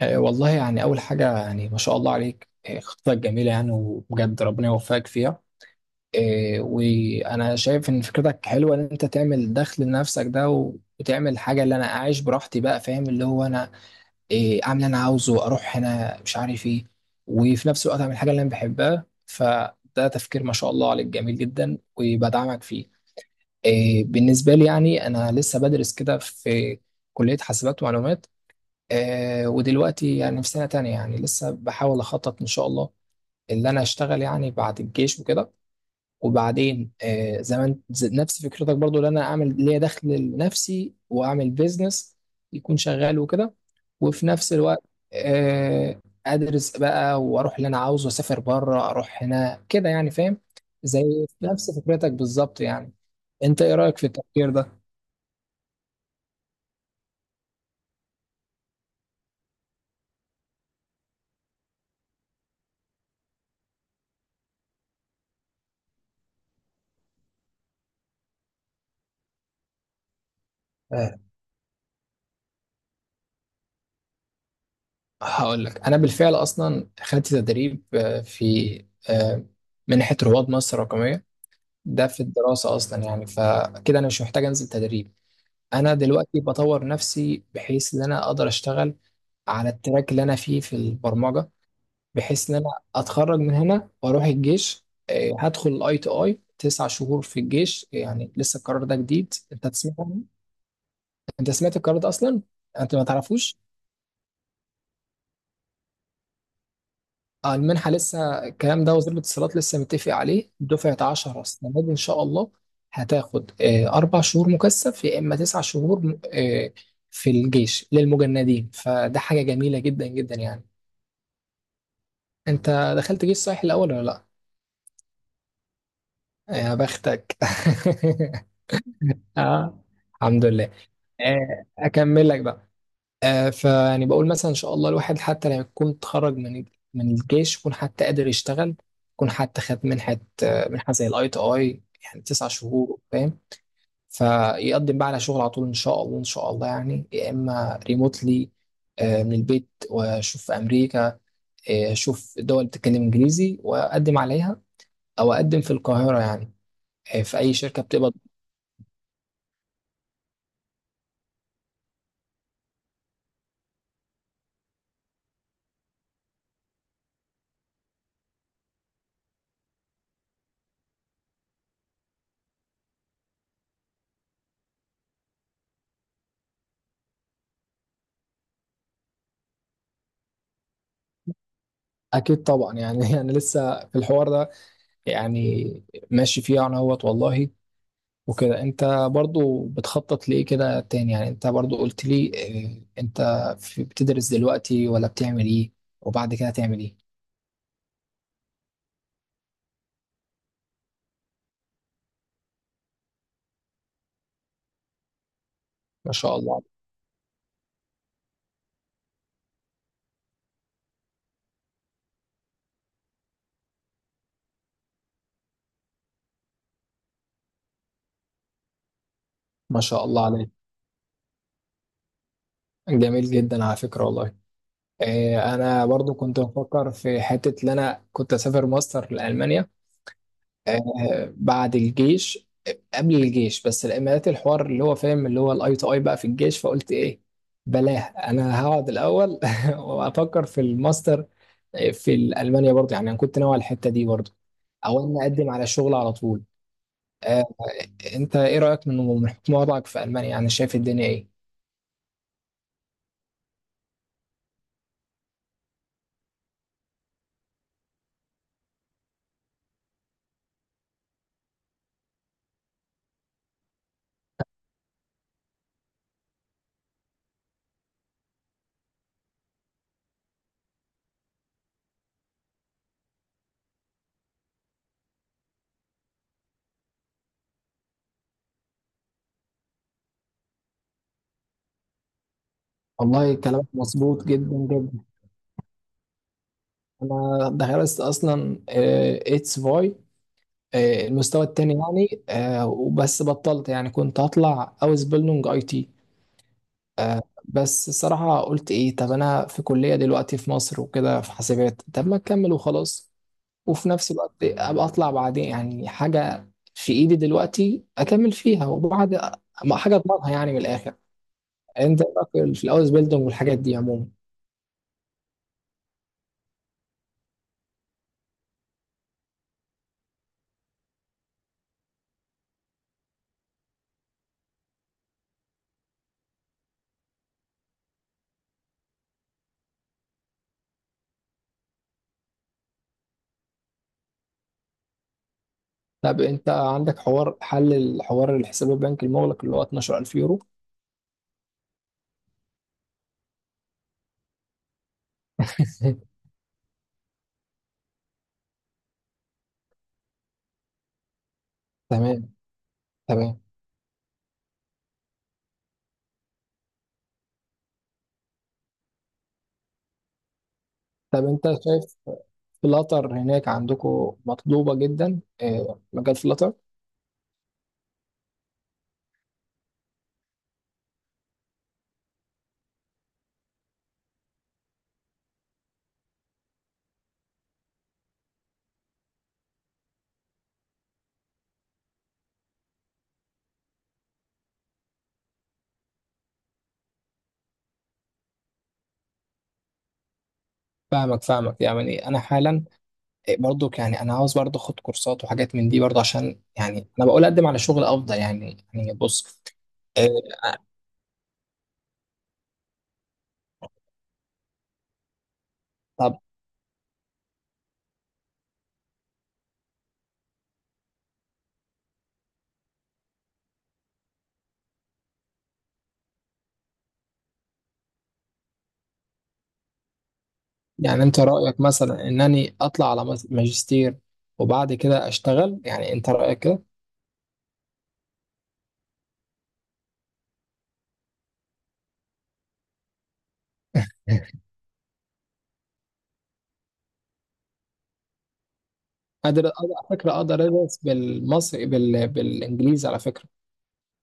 والله يعني أول حاجة يعني ما شاء الله عليك، خطتك جميلة يعني وبجد ربنا يوفقك فيها. وأنا شايف إن فكرتك حلوة، إن أنت تعمل دخل لنفسك ده وتعمل حاجة اللي أنا أعيش براحتي بقى، فاهم؟ اللي هو أنا أعمل اللي أنا عاوزه، أروح هنا مش عارف إيه، وفي نفس الوقت أعمل الحاجة اللي أنا بحبها، فده تفكير ما شاء الله عليك جميل جدا وبدعمك فيه. بالنسبة لي يعني أنا لسه بدرس كده في كلية حاسبات ومعلومات، ودلوقتي يعني في سنة تانية، يعني لسه بحاول أخطط إن شاء الله اللي أنا أشتغل يعني بعد الجيش وكده. وبعدين زي ما أنت- زي- نفس فكرتك برضو، اللي أنا أعمل ليا دخل لنفسي وأعمل بيزنس يكون شغال وكده، وفي نفس الوقت آه أدرس بقى وأروح اللي أنا عاوزه، أسافر بره، أروح هنا كده يعني، فاهم؟ زي نفس فكرتك بالظبط يعني. أنت إيه رأيك في التفكير ده؟ هقول لك، انا بالفعل اصلا خدت تدريب في آه، منحه رواد مصر الرقميه ده في الدراسه اصلا، يعني فكده انا مش محتاج انزل تدريب. انا دلوقتي بطور نفسي بحيث ان انا اقدر اشتغل على التراك اللي انا فيه في البرمجه، بحيث ان انا اتخرج من هنا واروح الجيش. هدخل اي تي اي 9 شهور في الجيش، يعني لسه القرار ده جديد، انت تسمع؟ انت سمعت القرار ده اصلا؟ انت ما تعرفوش؟ المنحة لسه الكلام ده، وزير الاتصالات لسه متفق عليه دفعة 10 السنة دي إن شاء الله. هتاخد 4 شهور مكثف، يا إما 9 شهور في الجيش للمجندين، فده حاجة جميلة جدا جدا يعني. أنت دخلت جيش صحيح الأول ولا لأ؟ يا بختك آه، الحمد لله. أكمل لك بقى. فيعني بقول مثلا ان شاء الله الواحد حتى لما يكون اتخرج من الجيش يكون حتى قادر يشتغل، يكون حتى خد منحه، منحه زي الاي تي اي يعني 9 شهور، فاهم؟ فيقدم بقى على شغل على طول ان شاء الله، ان شاء الله يعني، يا اما ريموتلي من البيت واشوف في امريكا. اشوف دول بتتكلم انجليزي واقدم عليها، او اقدم في القاهره يعني في اي شركه بتقبض. اكيد طبعا يعني انا لسه في الحوار ده يعني، ماشي فيه انا اهوت والله وكده. انت برضو بتخطط لإيه كده تاني؟ يعني انت برضو قلت لي اه، انت بتدرس دلوقتي ولا بتعمل ايه؟ وبعد كده تعمل ايه؟ ما شاء الله، ما شاء الله عليك، جميل جدا على فكرة والله. اه، انا برضو كنت بفكر في حتة ان انا كنت اسافر ماستر لألمانيا، اه، بعد الجيش، قبل الجيش، بس الامارات الحوار اللي هو فاهم، اللي هو الاي تو اي بقى في الجيش، فقلت ايه بلاه، انا هقعد الاول وافكر في الماستر. في المانيا برضه، يعني انا كنت ناوي على الحته دي برضه، او ان اقدم على شغل على طول. آه، انت ايه رايك من حكم وضعك في المانيا، يعني شايف الدنيا ايه؟ والله كلامك مظبوط جدا جدا. انا درست اصلا اتس فاي المستوى التاني يعني، وبس بطلت يعني، كنت هطلع اوز بيلدونج اي تي. بس الصراحة قلت إيه، طب أنا في كلية دلوقتي في مصر وكده في حاسبات، طب ما أكمل وخلاص، وفي نفس الوقت أبقى أطلع بعدين، يعني حاجة في إيدي دلوقتي أكمل فيها وبعد ما حاجة أضمنها يعني من الآخر. أنت بقى في الأوز بيلدونج والحاجات دي عموما؟ طب أنت عندك حوار حل الحوار، الحساب البنكي المغلق اللي هو 12,000 يورو؟ تمام، تمام. طب أنت شايف فلاتر هناك عندكم مطلوبة جدا، مجال فلاتر؟ فاهمك فاهمك، يعني انا حالا برضو يعني انا عاوز برضو اخد كورسات وحاجات من دي برضو، عشان يعني انا بقول اقدم على شغل افضل، يعني بص. آه، آه، طب يعني انت رايك مثلا انني اطلع على ماجستير وبعد كده اشتغل؟ يعني انت رايك كده؟ قادر أقدر- على فكره اقدر ادرس بالمصري بالانجليزي على فكره،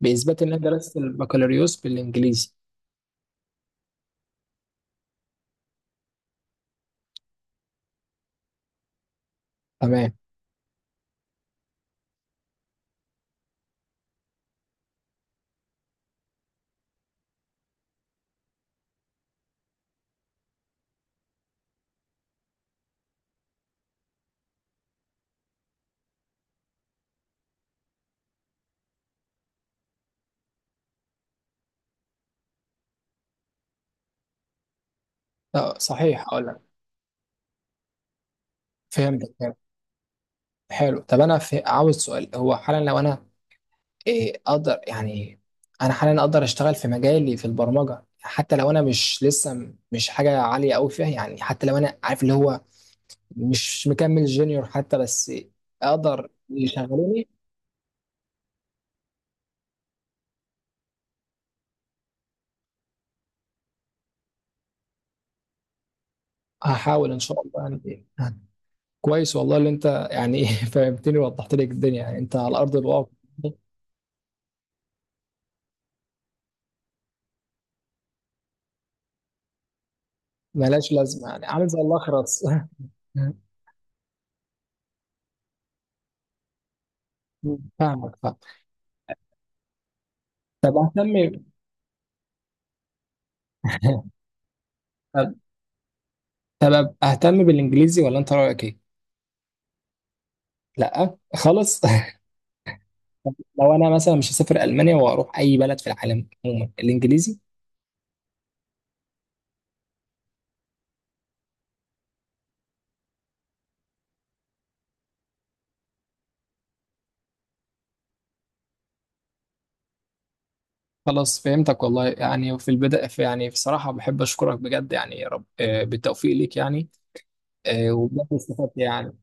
باثبات ان انا درست البكالوريوس بالانجليزي. تمام. صحيح، اقول لك. فهمت. حلو. عاوز سؤال، هو حالا لو انا اقدر يعني، انا حاليا اقدر اشتغل في مجالي في البرمجه حتى لو انا مش لسه مش حاجه عاليه قوي فيها، يعني حتى لو انا عارف اللي هو مش مكمل جونيور حتى، بس اقدر يشغلوني؟ هحاول ان شاء الله يعني. كويس والله اللي انت يعني فهمتني ووضحت لي الدنيا، يعني انت على ارض الواقع ملاش لازمه، يعني عامل زي الاخرس فاهمك، فاهم. طب اهتم طب طب اهتم بالانجليزي، ولا انت رايك ايه؟ لا خالص لو انا مثلا مش هسافر المانيا واروح اي بلد في العالم عموما الانجليزي. خلاص فهمتك والله، يعني في البداية في، يعني بصراحة بحب أشكرك بجد يعني، يا رب بالتوفيق ليك يعني. وبجد استفدت يعني.